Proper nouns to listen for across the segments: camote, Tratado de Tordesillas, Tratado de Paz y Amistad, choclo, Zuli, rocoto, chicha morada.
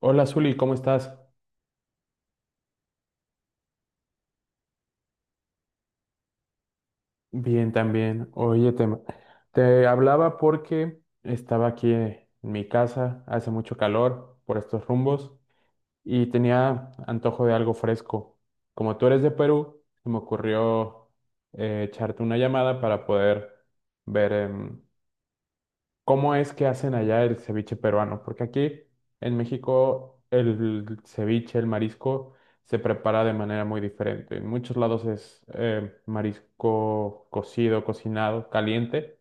Hola, Zuli, ¿cómo estás? Bien, también. Oye, te hablaba porque estaba aquí en mi casa, hace mucho calor por estos rumbos y tenía antojo de algo fresco. Como tú eres de Perú, se me ocurrió echarte una llamada para poder ver ¿cómo es que hacen allá el ceviche peruano? Porque aquí en México el ceviche, el marisco, se prepara de manera muy diferente. En muchos lados es marisco cocido, cocinado, caliente,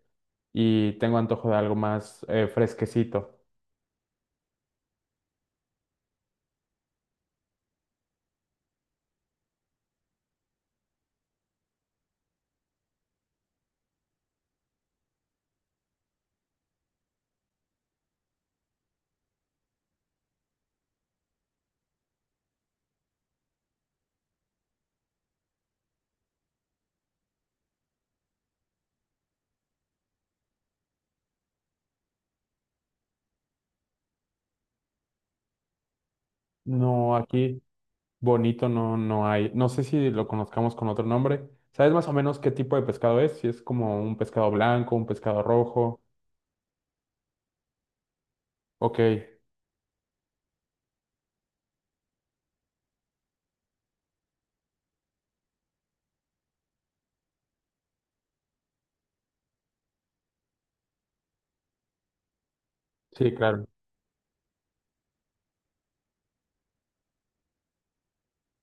y tengo antojo de algo más fresquecito. No, aquí bonito no, no hay. No sé si lo conozcamos con otro nombre. ¿Sabes más o menos qué tipo de pescado es? ¿Si es como un pescado blanco, un pescado rojo? Ok, sí, claro.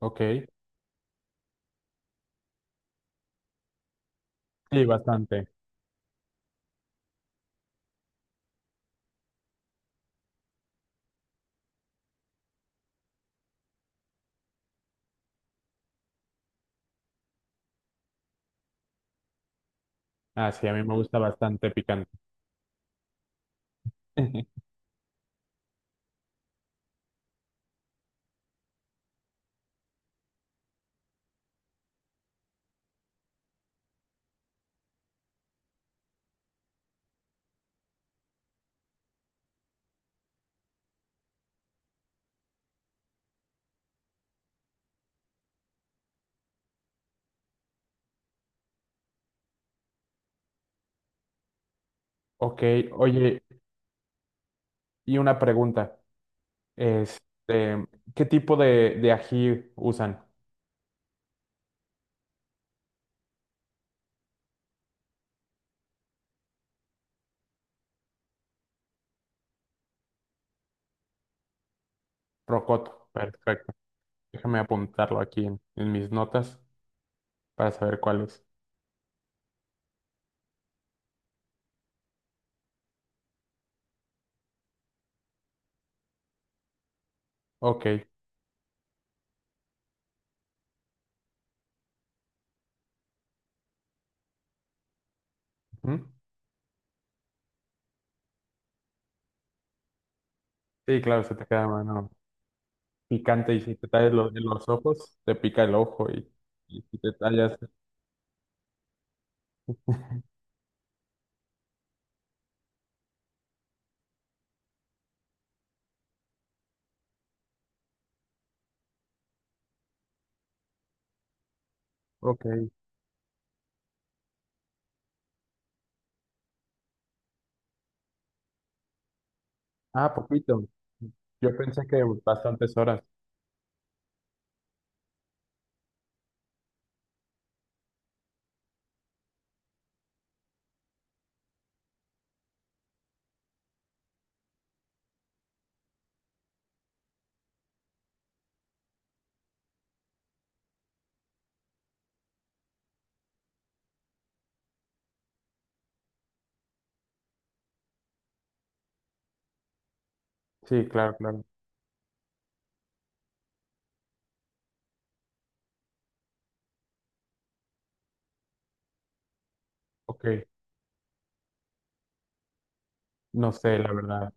Ok, sí, bastante. Ah, sí, a mí me gusta bastante picante. Ok, oye, y una pregunta. Este, ¿qué tipo de ají usan? Rocoto. Perfecto. Déjame apuntarlo aquí en mis notas para saber cuál es. Ok. Ujú. Sí, claro, se te queda a mano picante y si te tallas en los ojos, te pica el ojo y si te tallas. Ok. Ah, poquito. Yo pensé que bastantes horas. Sí, claro, claro. Ok. No sé, la verdad.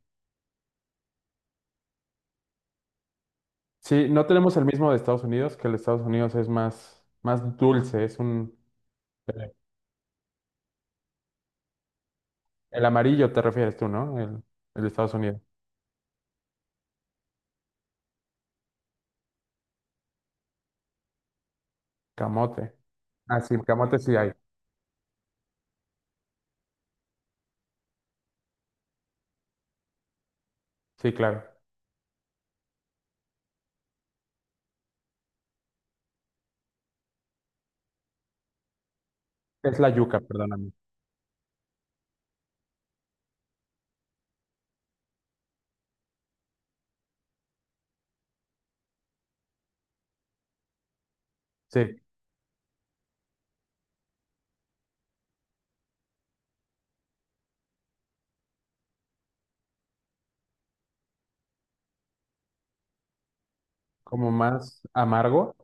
Sí, no tenemos el mismo de Estados Unidos, que el de Estados Unidos es más, más dulce, es un… El el amarillo te refieres tú, ¿no? El de Estados Unidos. Camote. Ah, sí, camote sí hay. Sí, claro. Es la yuca, perdóname. Sí, como más amargo.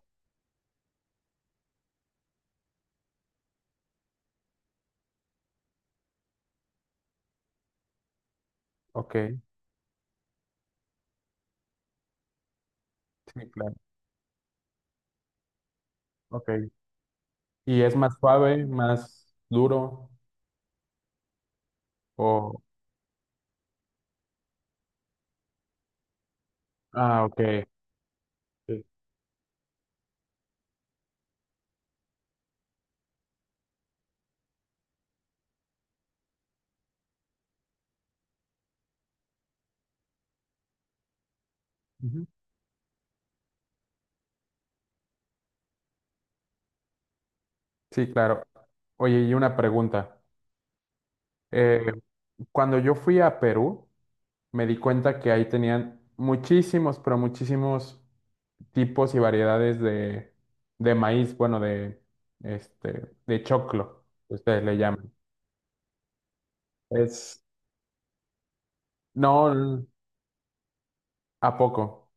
Ok, sí, claro. Ok. ¿Y es más suave, más duro? O… Ah, ok. Sí. Ujú. Sí, claro. Oye, y una pregunta. Eh, cuando yo fui a Perú, me di cuenta que ahí tenían muchísimos, pero muchísimos tipos y variedades de maíz, bueno, de, este, de choclo, que ustedes le llaman. Es, no, l- ¿a poco?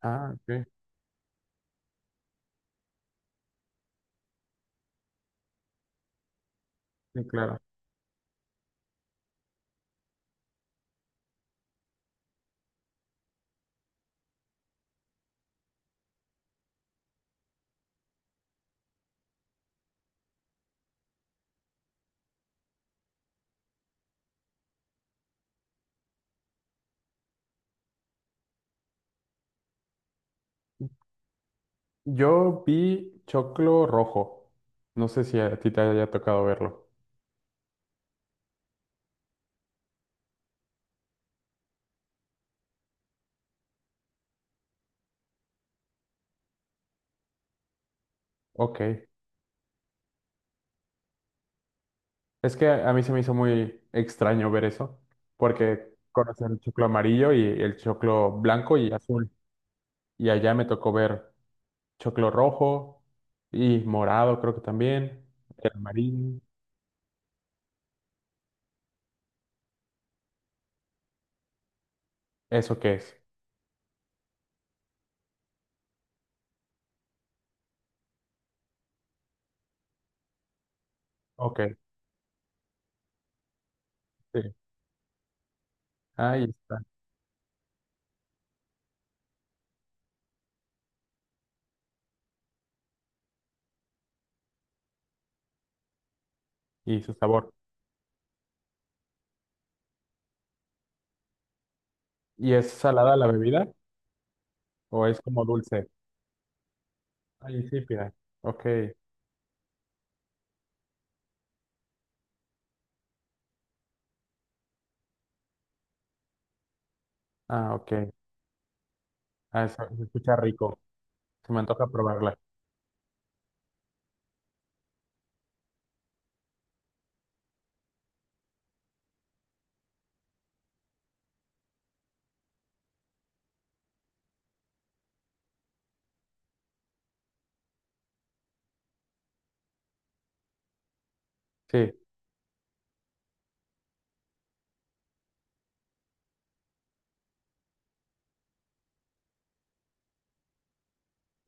Ah, ok, sí, claro. Yo vi choclo rojo. No sé si a ti te haya tocado verlo. Ok. Es que a mí se me hizo muy extraño ver eso, porque conocen el choclo amarillo y el choclo blanco y azul. Y allá me tocó ver choclo rojo y morado, creo que también. El amarillo. ¿Eso qué es? Ok, sí. Ahí está. Y su sabor. ¿Y es salada la bebida o es como dulce? Ah, insípida. Ok. Ah, ok. Ah, eso, se escucha rico. Se me antoja probarla. Sí.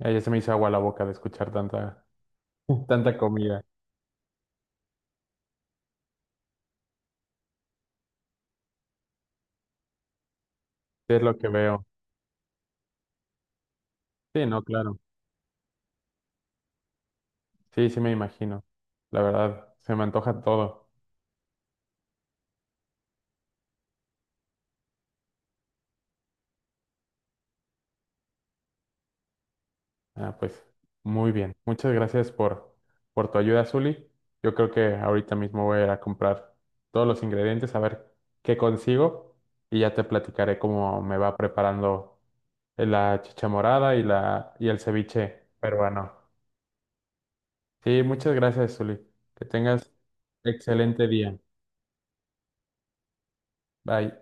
Ah, ya se me hizo agua la boca de escuchar tanta, tanta comida. Sí, es lo que veo. Sí, no, claro. Sí, sí me imagino. La verdad, se me antoja todo. Ah, pues muy bien. Muchas gracias por tu ayuda, Zuli. Yo creo que ahorita mismo voy a ir a comprar todos los ingredientes, a ver qué consigo y ya te platicaré cómo me va preparando la chicha morada y, la, y el ceviche peruano. Sí, muchas gracias, Zuli. Que tengas excelente día. Bye.